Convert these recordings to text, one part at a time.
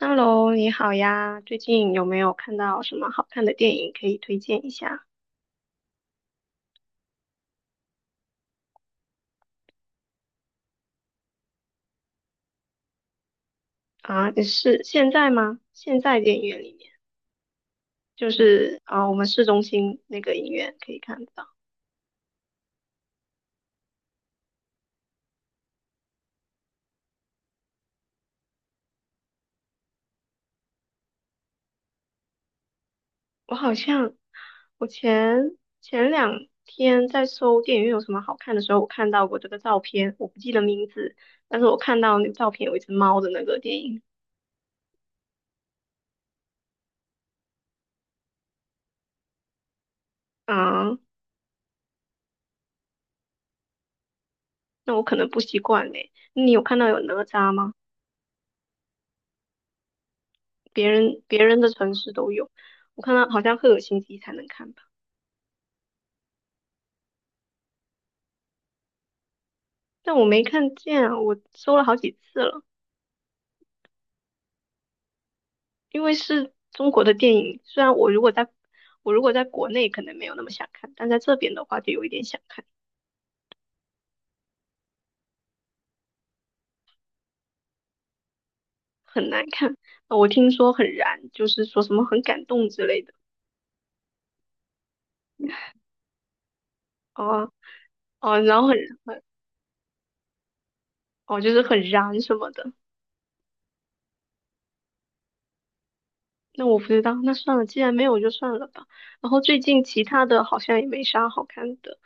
Hello，你好呀，最近有没有看到什么好看的电影可以推荐一下？啊，你是现在吗？现在电影院里面，就是啊，我们市中心那个影院可以看得到。我好像我前两天在搜电影院有什么好看的时候，我看到过这个照片，我不记得名字，但是我看到那个照片有一只猫的那个电影。啊，那我可能不习惯嘞。你有看到有哪吒吗？别人的城市都有。我看到好像赫尔辛基才能看吧，但我没看见啊，我搜了好几次了，因为是中国的电影，虽然我如果在国内可能没有那么想看，但在这边的话就有一点想看，很难看。我听说很燃，就是说什么很感动之类的。哦、哦、然后很哦，就是很燃什么的。那我不知道，那算了，既然没有就算了吧。然后最近其他的好像也没啥好看的，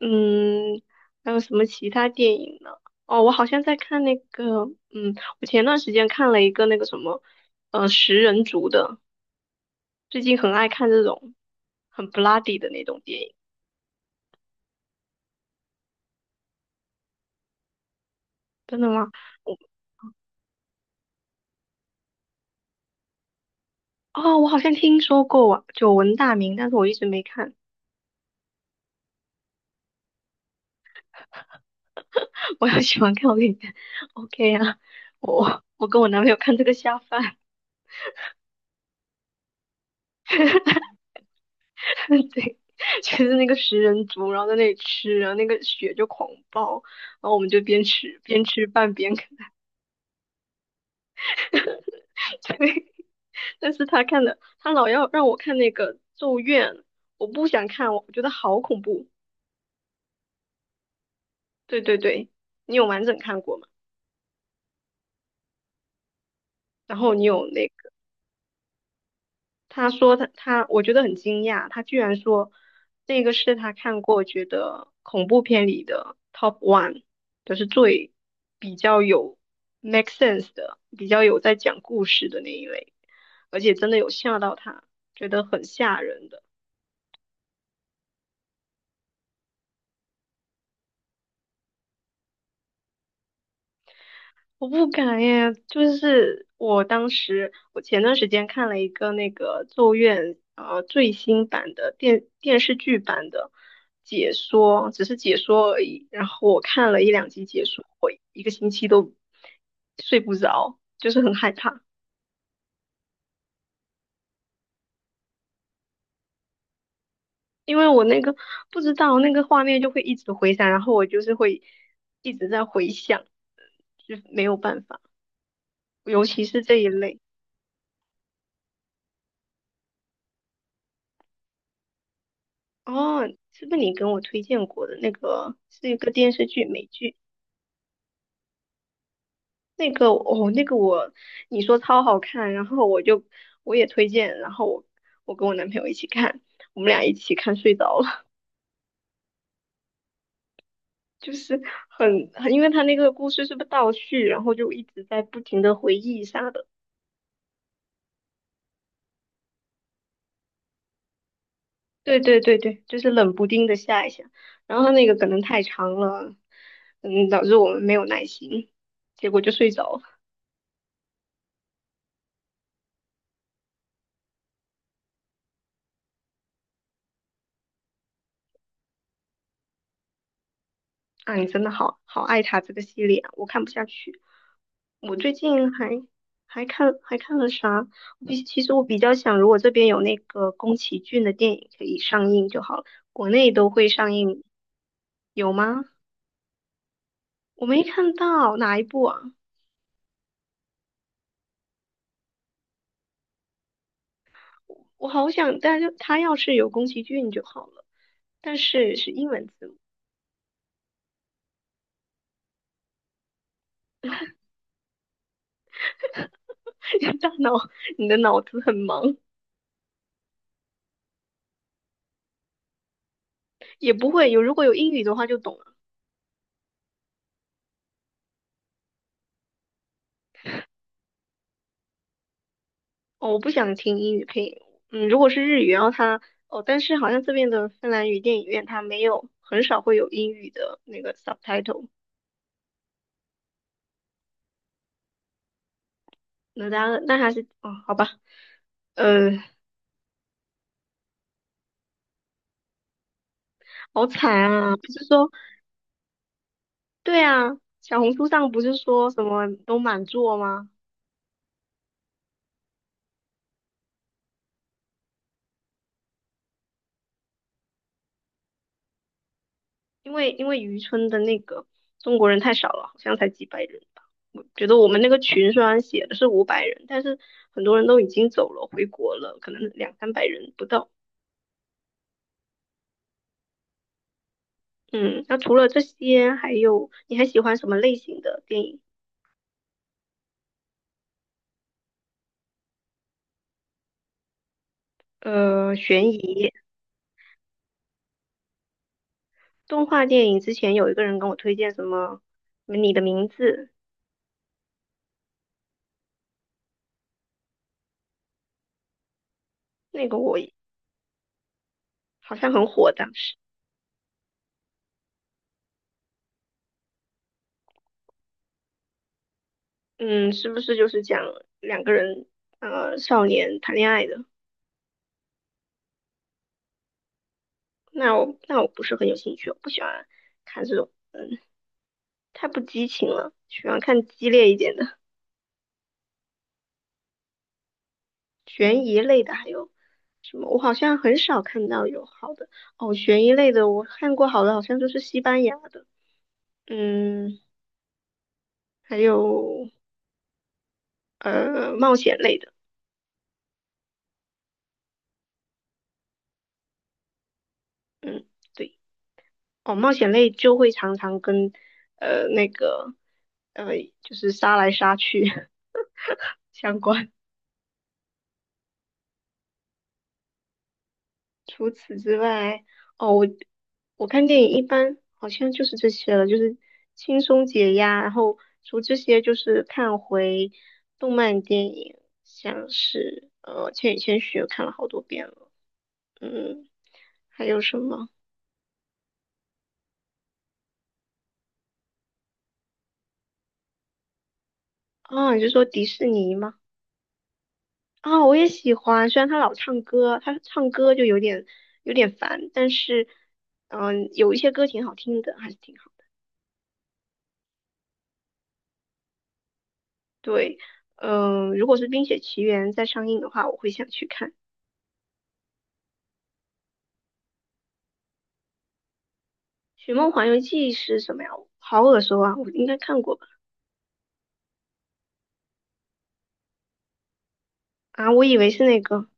嗯，还有什么其他电影呢？哦，我好像在看那个，嗯，我前段时间看了一个那个什么，食人族的，最近很爱看这种很 bloody 的那种电影。真的吗？我哦，我好像听说过啊，久闻大名，但是我一直没看。我要喜欢看，我给你看。OK 啊，我跟我男朋友看这个下饭。对，就是那个食人族，然后在那里吃，然后那个血就狂爆，然后我们就边吃饭边看。对，但是他看的，他老要让我看那个《咒怨》，我不想看，我觉得好恐怖。对对对，你有完整看过吗？然后你有那他说，我觉得很惊讶，他居然说这个是他看过觉得恐怖片里的 top one,就是最比较有 make sense 的，比较有在讲故事的那一类，而且真的有吓到他，觉得很吓人的。我不敢耶，就是我当时，我前段时间看了一个那个咒怨最新版的电视剧版的解说，只是解说而已。然后我看了一两集解说，我一个星期都睡不着，就是很害怕，因为我那个不知道那个画面就会一直回闪，然后我就是会一直在回想，就没有办法，尤其是这一类。哦，是不是你跟我推荐过的那个是一个电视剧，美剧？那个哦，那个我你说超好看，然后我也推荐，然后我跟我男朋友一起看，我们俩一起看睡着了。就是很，因为他那个故事是不是倒叙，然后就一直在不停的回忆啥的。对，就是冷不丁的下一下，然后他那个可能太长了，嗯，导致我们没有耐心，结果就睡着了。啊，你真的好爱他这个系列啊，我看不下去。我最近还还看了啥？其实我比较想，如果这边有那个宫崎骏的电影可以上映就好了，国内都会上映，有吗？我没看到哪一部啊？我好想，但是他要是有宫崎骏就好了，但是是英文字母。大脑你的脑子很忙，也不会有，如果有英语的话就懂了。哦，我不想听英语配音。嗯，如果是日语，然后它哦，但是好像这边的芬兰语电影院它没有，很少会有英语的那个 subtitle。那当然那还是哦，好吧，呃，好惨啊！不是说对啊，小红书上不是说什么都满座吗？因为渔村的那个中国人太少了，好像才几百人吧。我觉得我们那个群虽然写的是五百人，但是很多人都已经走了，回国了，可能两三百人不到。嗯，那除了这些，还有你还喜欢什么类型的电影？呃，悬疑、动画电影。之前有一个人跟我推荐什么《你的名字》，那个我好像很火，的。嗯，是不是就是讲两个人少年谈恋爱的？那我不是很有兴趣，我不喜欢看这种，太不激情了，喜欢看激烈一点的。悬疑类的还有什么？我好像很少看到有好的哦，悬疑类的我看过好的，好像就是西班牙的，嗯，还有冒险类的，嗯，对，哦，冒险类就会常常跟呃那个呃就是杀来杀去 相关。除此之外，哦，我看电影一般好像就是这些了，就是轻松解压。然后除这些，就是看回动漫电影，像是《千与千寻》看了好多遍了，嗯，还有什么？啊？你就说迪士尼吗？啊，我也喜欢，虽然他老唱歌，他唱歌就有点烦，但是嗯、有一些歌挺好听的，还是挺好。对，嗯、如果是《冰雪奇缘》在上映的话，我会想去看。《寻梦环游记》是什么呀？好耳熟啊，我应该看过吧？啊，我以为是那个，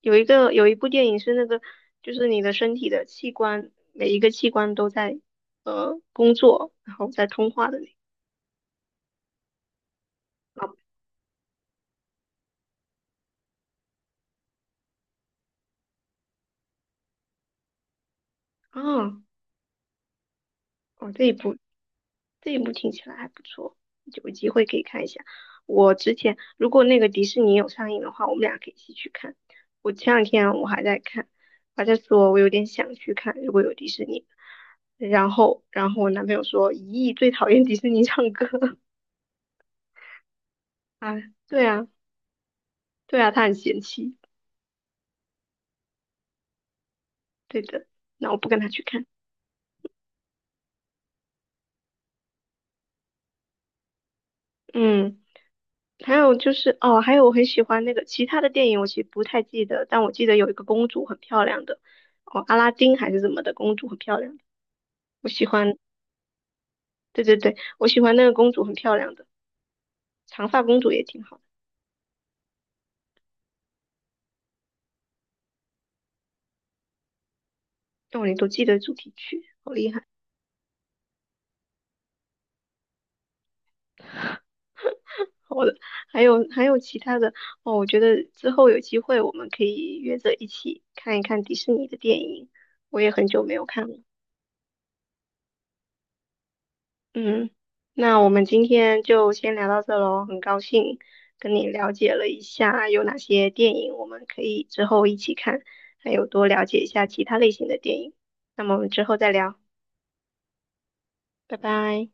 有一部电影是那个，就是你的身体的器官，每一个器官都在工作，然后在通话的那个。啊，哦，这一部听起来还不错，有机会可以看一下。我之前如果那个迪士尼有上映的话，我们俩可以一起去看。我前两天我还在看，还在说我有点想去看，如果有迪士尼。然后我男朋友说，咦，最讨厌迪士尼唱歌 啊，对啊，对啊，他很嫌弃。对的，那我不跟他去看。嗯，还有就是哦，还有我很喜欢那个其他的电影，我其实不太记得，但我记得有一个公主很漂亮的，哦，阿拉丁还是怎么的，公主很漂亮的，我喜欢。对，我喜欢那个公主很漂亮的，长发公主也挺好的，哦，你都记得主题曲，好厉害。好的，还有其他的哦，我觉得之后有机会我们可以约着一起看一看迪士尼的电影，我也很久没有看了。嗯，那我们今天就先聊到这喽。很高兴跟你了解了一下有哪些电影我们可以之后一起看，还有多了解一下其他类型的电影。那么我们之后再聊，拜拜。